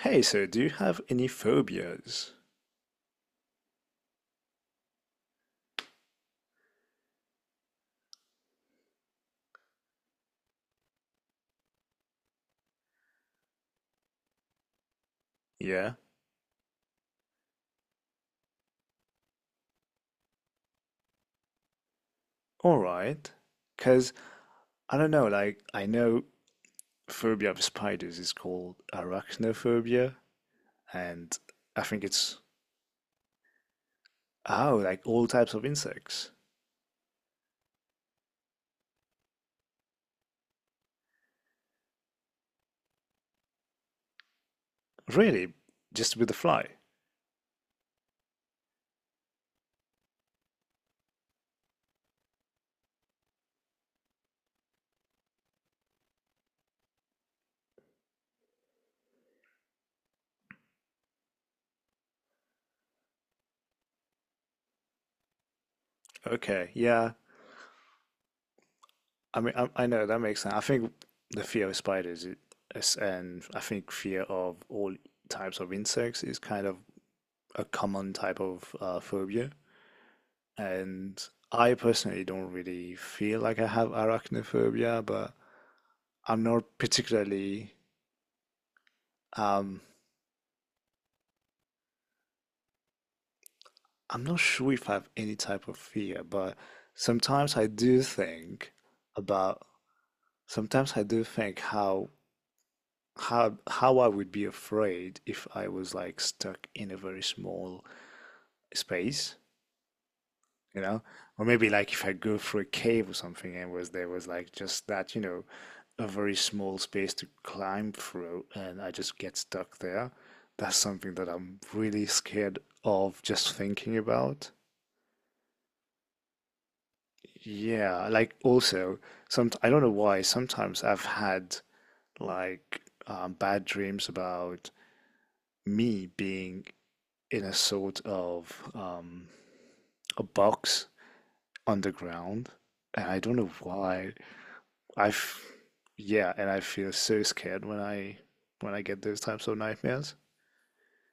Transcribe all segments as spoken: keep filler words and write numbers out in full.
Hey, so do you have any phobias? Yeah, all right. Because, I don't know, like, I know phobia of spiders is called arachnophobia, and I think it's, oh, like all types of insects. Really? Just with the fly? Okay, yeah. I mean, I, I know that makes sense. I think the fear of spiders is, and I think fear of all types of insects is kind of a common type of uh, phobia. And I personally don't really feel like I have arachnophobia, but I'm not particularly, um, I'm not sure if I have any type of fear, but sometimes I do think about, sometimes I do think how how how I would be afraid if I was like stuck in a very small space. You know? Or maybe like if I go through a cave or something and was there was like just that, you know, a very small space to climb through and I just get stuck there. That's something that I'm really scared of just thinking about. Yeah, like also some I don't know why sometimes I've had like um, bad dreams about me being in a sort of um, a box underground, and I don't know why. I, f- yeah, and I feel so scared when I when I get those types of nightmares.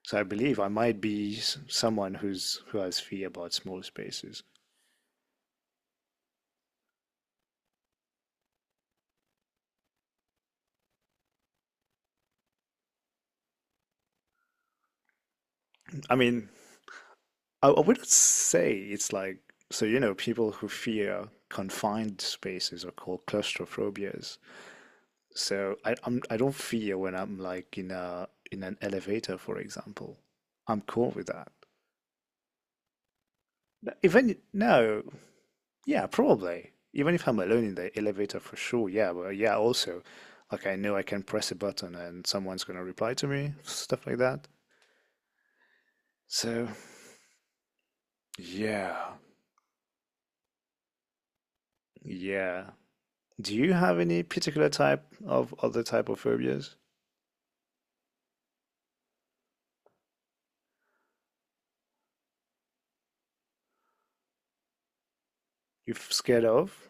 So I believe I might be s- someone who's who has fear about small spaces. I mean, I, I wouldn't say it's like so you know people who fear confined spaces are called claustrophobias. So I I'm, I don't fear when I'm like in a in an elevator, for example. I'm cool with that. No, even no, yeah, probably. Even if I'm alone in the elevator for sure, yeah, but uh, yeah, also, like I know I can press a button and someone's gonna reply to me, stuff like that. So, yeah, yeah. Do you have any particular type of other type of phobias you're scared of?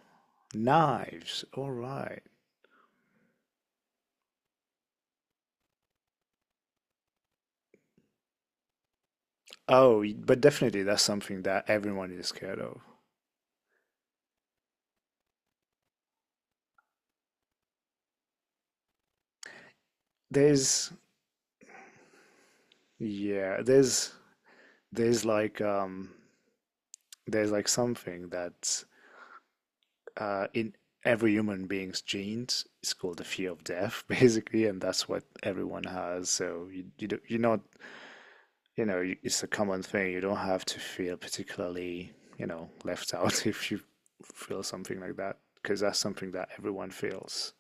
Knives, all right. Oh, y- but definitely that's something that everyone is scared of. There's, yeah, there's, there's like, um, there's like something that uh, in every human being's genes is called the fear of death, basically, and that's what everyone has. So you you do you're not you know it's a common thing. You don't have to feel particularly you know left out if you feel something like that because that's something that everyone feels.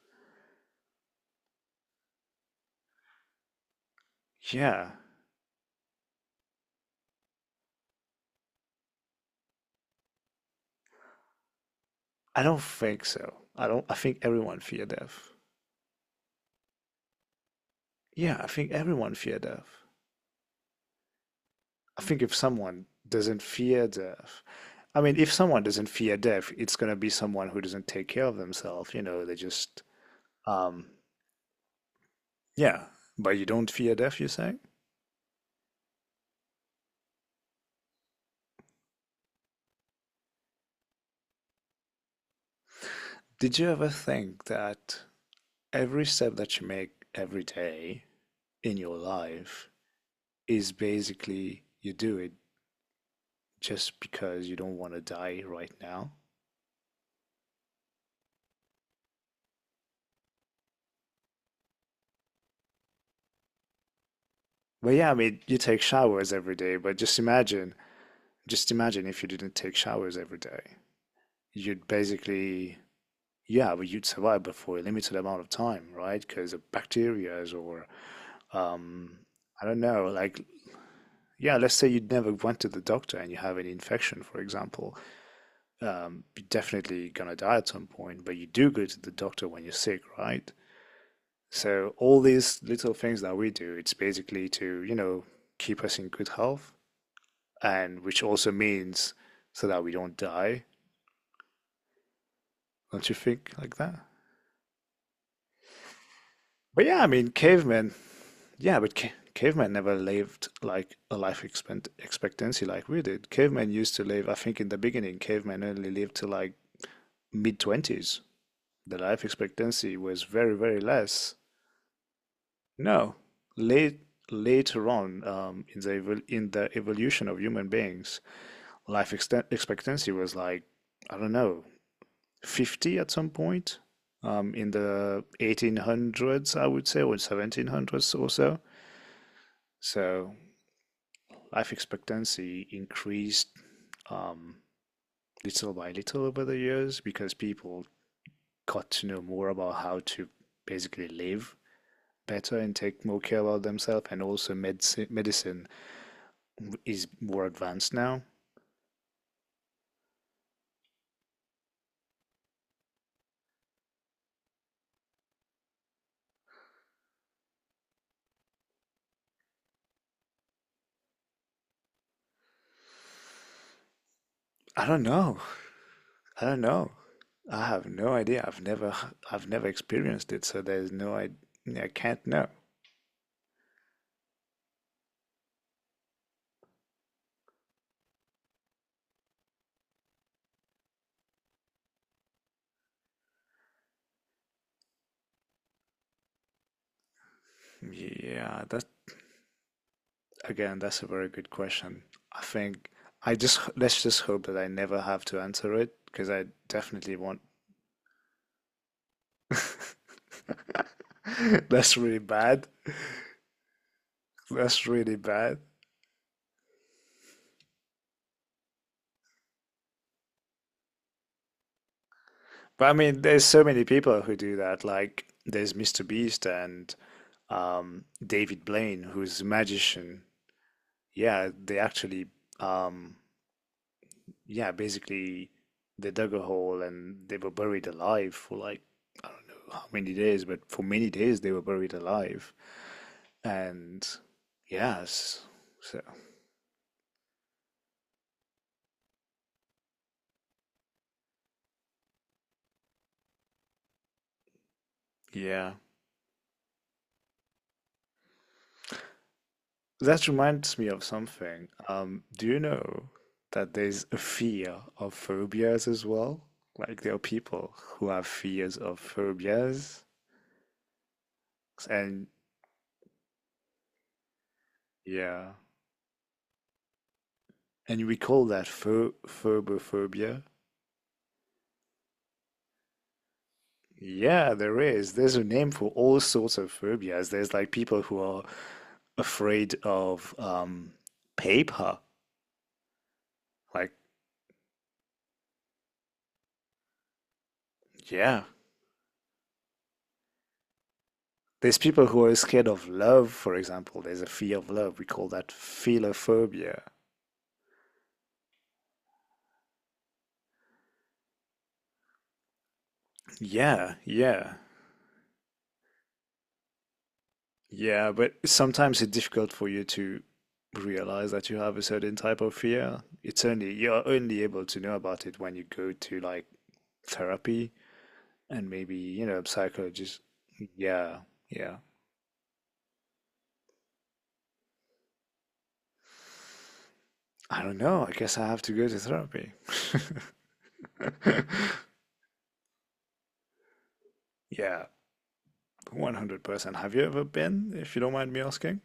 Yeah, I don't think so. I don't. I think everyone fear death. Yeah, I think everyone fear death. I think if someone doesn't fear death, I mean, if someone doesn't fear death, it's gonna be someone who doesn't take care of themselves. You know, they just, um, yeah. But you don't fear death, you say? Did you ever think that every step that you make every day in your life is basically you do it just because you don't want to die right now? But yeah, I mean, you take showers every day, but just imagine, just imagine if you didn't take showers every day. You'd basically yeah, but you'd survive but for a limited amount of time, right? Because of bacteria or um, I don't know, like yeah, let's say you never went to the doctor and you have an infection, for example, um, you're definitely gonna die at some point. But you do go to the doctor when you're sick, right? So all these little things that we do, it's basically to you know keep us in good health, and which also means so that we don't die. Don't you think like that? But yeah, I mean, cavemen, yeah, but ca cavemen never lived like a life expect expectancy like we did. Cavemen used to live, I think in the beginning, cavemen only lived to like mid twenties. The life expectancy was very, very less. No, late later on um, in the evol in the evolution of human beings, life exten expectancy was like, I don't know, fifty at some point. Um, in the eighteen hundreds, I would say, or seventeen hundreds or so. So life expectancy increased um, little by little over the years because people got to know more about how to basically live better and take more care about themselves and also medicine medicine is more advanced now. I don't know, I don't know, I have no idea. I've never i've never experienced it, so there's no i, I can't know. Yeah, that's, again, that's a very good question. I think I just, let's just hope that I never have to answer it because I definitely want. That's really bad. That's really bad. But I mean, there's so many people who do that. Like there's mister Beast and um, David Blaine, who's a magician. Yeah, they actually um, yeah, basically they dug a hole and they were buried alive for like I don't know how many days, but for many days they were buried alive. And yes, so yeah, that reminds me of something. Um, do you know that there's a fear of phobias as well? Like there are people who have fears of phobias, and yeah, and we call that pho phobophobia. Yeah, there is. There's a name for all sorts of phobias. There's like people who are afraid of um, paper. Like, yeah. There's people who are scared of love, for example. There's a fear of love. We call that philophobia. Yeah, yeah, yeah. But sometimes it's difficult for you to realize that you have a certain type of fear. It's only, you're only able to know about it when you go to like therapy and maybe, you know, psychologist. Yeah, yeah. I don't know. I guess I have to go to therapy. Yeah, one hundred percent. Have you ever been, if you don't mind me asking?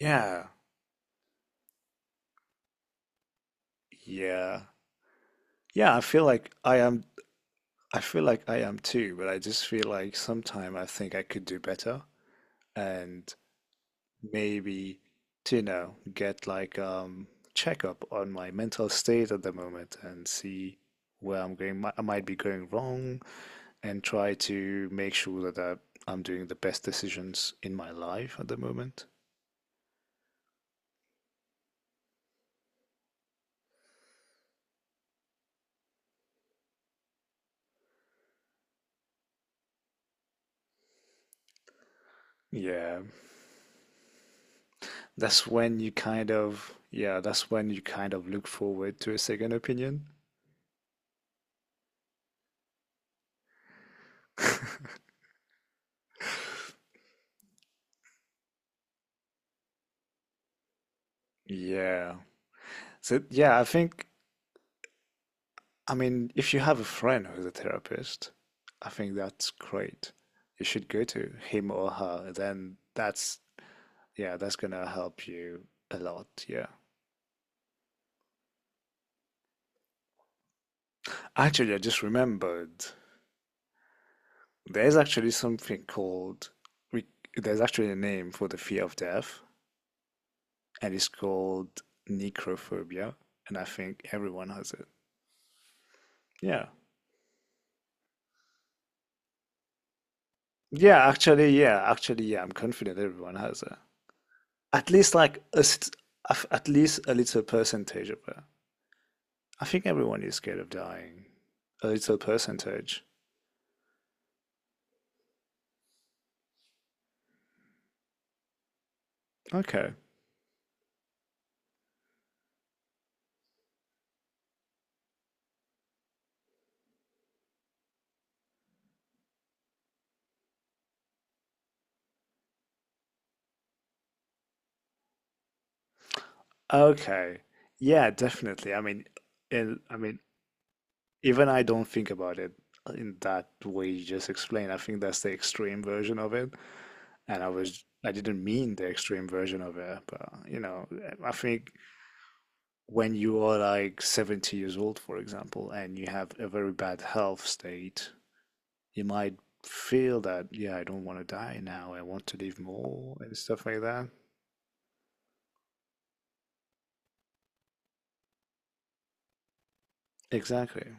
Yeah. Yeah. Yeah, I feel like I am, I feel like I am too, but I just feel like sometime I think I could do better and maybe to, you know, get like um checkup on my mental state at the moment and see where I'm going. mi- I might be going wrong, and try to make sure that I, I'm doing the best decisions in my life at the moment. Yeah, that's when you kind of, yeah, that's when you kind of look forward to a second opinion. Yeah. So, yeah, I think, I mean, if you have a friend who's a therapist, I think that's great. You should go to him or her. Then that's, yeah, that's gonna help you a lot. Yeah. Actually, I just remembered there's actually something called, we, there's actually a name for the fear of death, and it's called necrophobia. And I think everyone has it. Yeah. Yeah, actually, yeah, actually, yeah, I'm confident everyone has it. At least like a, st- af- at least a little percentage of it. I think everyone is scared of dying. A little percentage. Okay. Okay. Yeah, definitely. I mean, in, I mean, even I don't think about it in that way you just explained. I think that's the extreme version of it. And I was, I didn't mean the extreme version of it, but you know, I think when you are like seventy years old, for example, and you have a very bad health state, you might feel that, yeah, I don't want to die now. I want to live more and stuff like that. Exactly.